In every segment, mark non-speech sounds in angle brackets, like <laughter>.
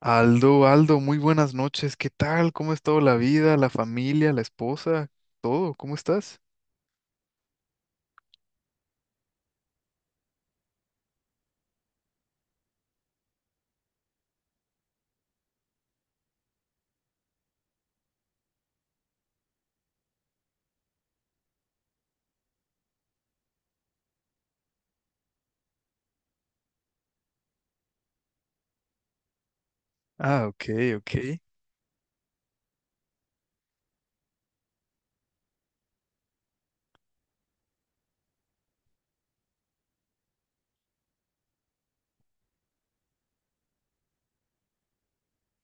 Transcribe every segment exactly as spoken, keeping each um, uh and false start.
Aldo, Aldo, muy buenas noches. ¿Qué tal? ¿Cómo es todo la vida, la familia, la esposa, todo? ¿Cómo estás? Ah, ok, ok.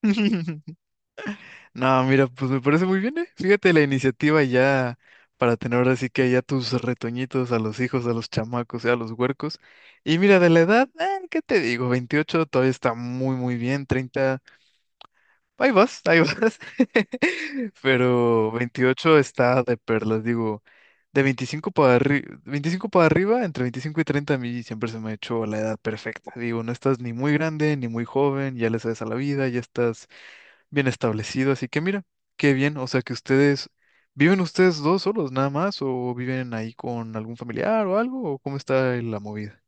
<laughs> No, mira, pues me parece muy bien, ¿eh? Fíjate la iniciativa ya para tener ahora sí que ya tus retoñitos a los hijos, a los chamacos, y a los huercos. Y mira, de la edad, eh, ¿qué te digo? veintiocho todavía está muy, muy bien. treinta. Ahí vas, ahí vas. <laughs> Pero veintiocho está de perlas, digo, de veinticinco para arriba, veinticinco para arriba, entre veinticinco y treinta, a mí siempre se me ha hecho la edad perfecta. Digo, no estás ni muy grande ni muy joven, ya le sabes a la vida, ya estás bien establecido, así que mira, qué bien, o sea que ustedes, ¿viven ustedes dos solos nada más o viven ahí con algún familiar o algo? ¿O cómo está la movida?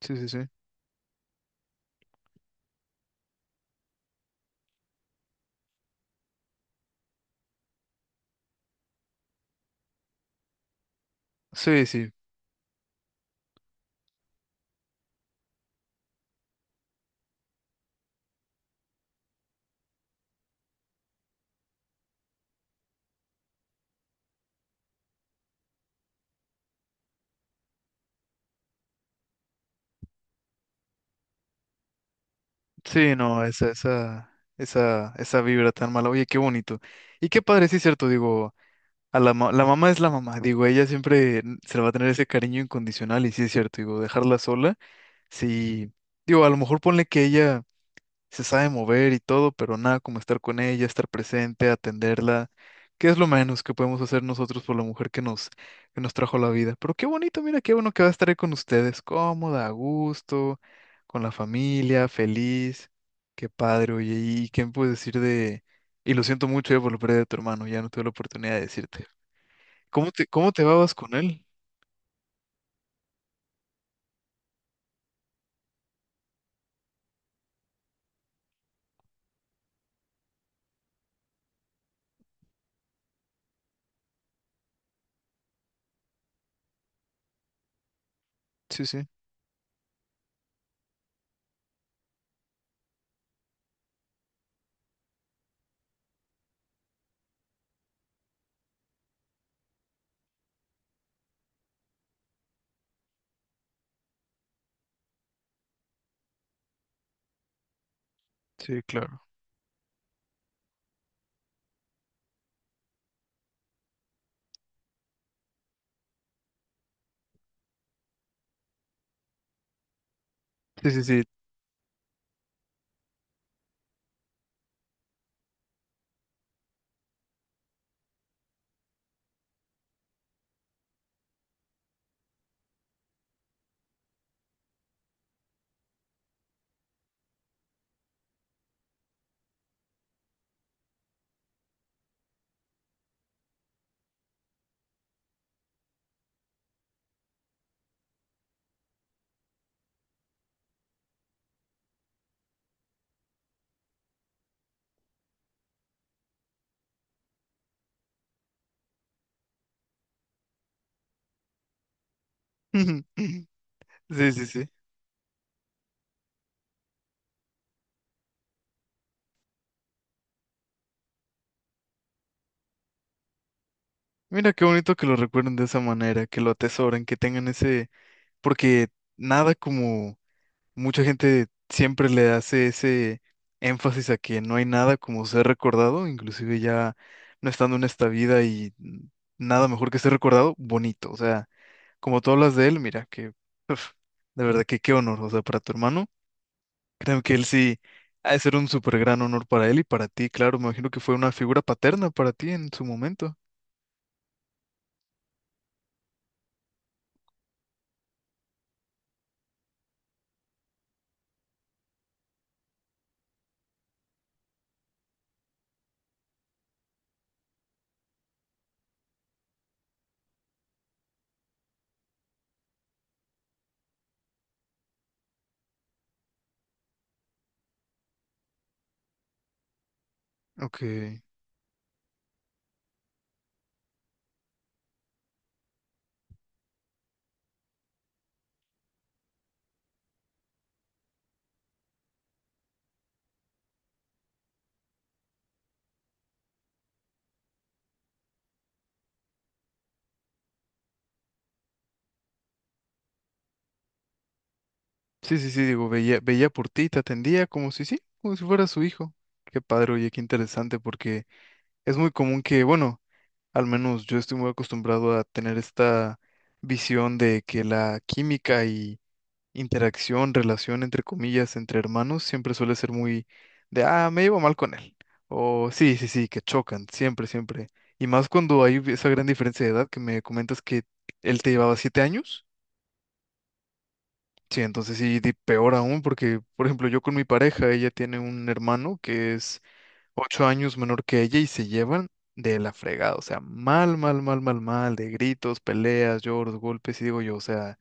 Sí, sí, sí. Sí, sí. Sí, no, esa, esa, esa, esa vibra tan mala. Oye, qué bonito. Y qué padre, sí, cierto, digo, a la, ma- la mamá es la mamá, digo, ella siempre n- se le va a tener ese cariño incondicional, y sí es cierto, digo, dejarla sola, sí, digo, a lo mejor ponle que ella se sabe mover y todo, pero nada como estar con ella, estar presente, atenderla, que es lo menos que podemos hacer nosotros por la mujer que nos, que nos trajo la vida. Pero qué bonito, mira, qué bueno que va a estar ahí con ustedes, cómoda, a gusto, con la familia, feliz. Qué padre, oye, y qué me puedes decir de... Y lo siento mucho ya por la pérdida de tu hermano, ya no tuve la oportunidad de decirte. ¿Cómo te, cómo te vas con él? Sí, sí, sí, claro. Sí, sí, sí. <laughs> Sí, sí, sí. Mira qué bonito que lo recuerden de esa manera, que lo atesoren, que tengan ese, porque nada como mucha gente siempre le hace ese énfasis a que no hay nada como ser recordado, inclusive ya no estando en esta vida y mm, nada mejor que ser recordado, bonito. O sea, como tú hablas de él, mira, que uf, de verdad que qué honor, o sea, para tu hermano, creo que él sí ha de ser un súper gran honor para él y para ti, claro, me imagino que fue una figura paterna para ti en su momento. Ok. Sí, sí, sí, digo, veía, veía por ti, te atendía como si sí, como si fuera su hijo. Qué padre, oye, qué interesante, porque es muy común que, bueno, al menos yo estoy muy acostumbrado a tener esta visión de que la química y interacción, relación, entre comillas, entre hermanos siempre suele ser muy de, ah, me llevo mal con él. O sí, sí, sí, que chocan, siempre, siempre. Y más cuando hay esa gran diferencia de edad que me comentas que él te llevaba siete años. Sí, entonces sí, di- peor aún, porque, por ejemplo, yo con mi pareja, ella tiene un hermano que es ocho años menor que ella y se llevan de la fregada, o sea, mal, mal, mal, mal, mal, de gritos, peleas, lloros, golpes, y digo yo, o sea,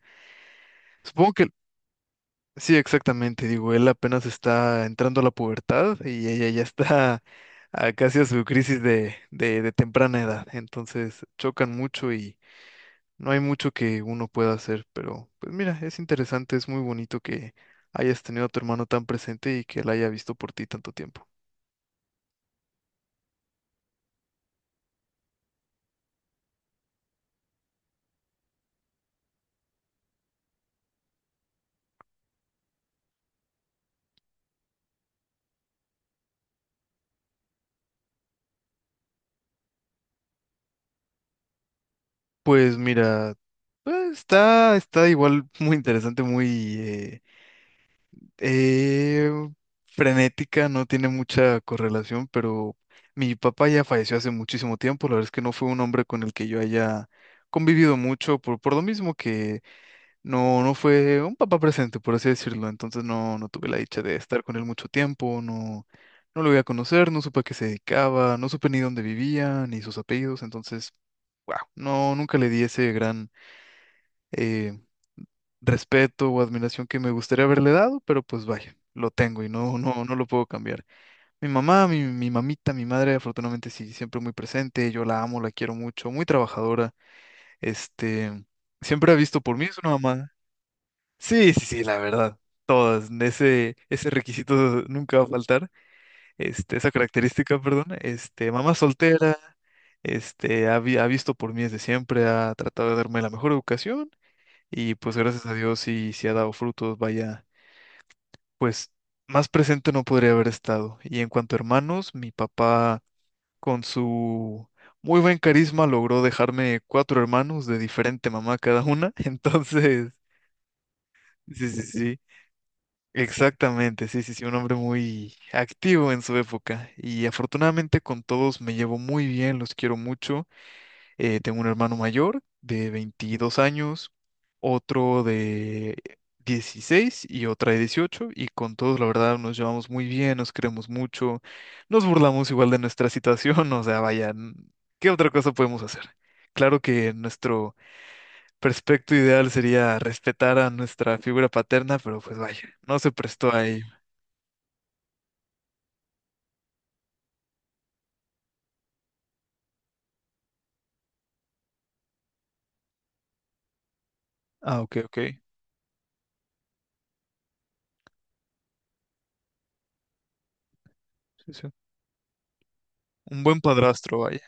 supongo que, sí, exactamente, digo, él apenas está entrando a la pubertad y ella ya está <laughs> a casi a su crisis de, de, de temprana edad, entonces chocan mucho no hay mucho que uno pueda hacer, pero pues mira, es interesante, es muy bonito que hayas tenido a tu hermano tan presente y que él haya visto por ti tanto tiempo. Pues mira, eh, está, está igual <laughs> muy interesante, muy eh, eh, frenética, no tiene mucha correlación, pero mi papá ya falleció hace muchísimo tiempo, la verdad es que no fue un hombre con el que yo haya convivido mucho, por, por lo mismo. No, no fue un papá presente, por así decirlo. Entonces no, no tuve la dicha de estar con él mucho tiempo, no, no lo voy a conocer, no supe a qué se dedicaba, no supe ni dónde vivía, ni sus apellidos. Entonces, wow, no, nunca le di ese gran eh, respeto o admiración que me gustaría haberle dado, pero pues vaya, lo tengo y no, no, no lo puedo cambiar. Mi mamá, mi, mi mamita, mi madre, afortunadamente sí, siempre muy presente. Yo la amo, la quiero mucho, muy trabajadora. Este, siempre ha visto por mí, es una mamá. Sí, sí, sí, la verdad. Todas, ese, ese requisito nunca va a faltar, este, esa característica, perdón, este, mamá soltera, este, ha, vi- ha visto por mí desde siempre, ha tratado de darme la mejor educación y pues gracias a Dios sí, sí ha dado frutos, vaya, pues más presente no podría haber estado. Y en cuanto a hermanos, mi papá con su muy buen carisma logró dejarme cuatro hermanos de diferente mamá cada una, <laughs> entonces, sí, sí, sí. Exactamente, sí, sí, sí, un hombre muy activo en su época y afortunadamente con todos me llevo muy bien, los quiero mucho. Eh, tengo un hermano mayor de veintidós años, otro de dieciséis y otra de dieciocho. Y con todos la verdad nos llevamos muy bien, nos queremos mucho, nos burlamos igual de nuestra situación, <laughs> o sea, vaya, ¿qué otra cosa podemos hacer? Claro que nuestro perfecto ideal sería respetar a nuestra figura paterna, pero pues vaya, no se prestó ahí. Ah, ok, ok. Sí, sí. Un buen padrastro, vaya.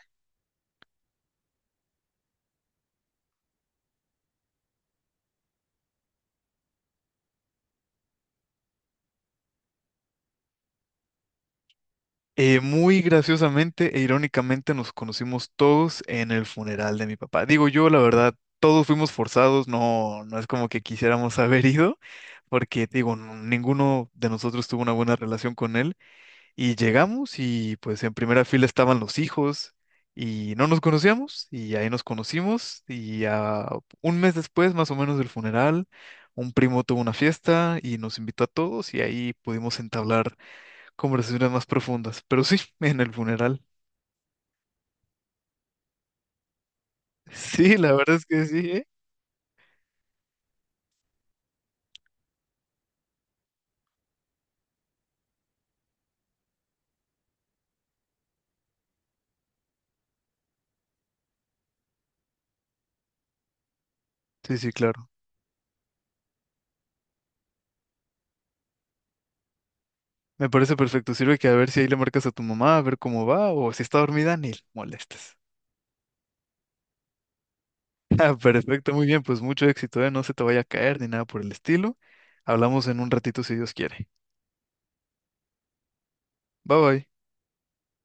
Eh, muy graciosamente e irónicamente nos conocimos todos en el funeral de mi papá. Digo yo, la verdad, todos fuimos forzados, no, no es como que quisiéramos <laughs> haber ido, porque digo, no- ninguno de nosotros tuvo una buena relación con él. Y llegamos y pues en primera fila estaban los hijos y no nos conocíamos y ahí nos conocimos y a un mes después más o menos del funeral, un primo tuvo una fiesta y nos invitó a todos y ahí pudimos entablar conversaciones más profundas. Pero sí, <laughs> en el funeral. Sí, la verdad es que sí, ¿eh? Sí, sí, claro. Me parece perfecto. Sirve que a ver si ahí le marcas a tu mamá, a ver cómo va o si está dormida, ni le molestes. <laughs> Ah, perfecto, muy bien, pues mucho éxito, ¿eh? No se te vaya a caer ni nada por el estilo. Hablamos en un ratito si Dios quiere. Bye bye.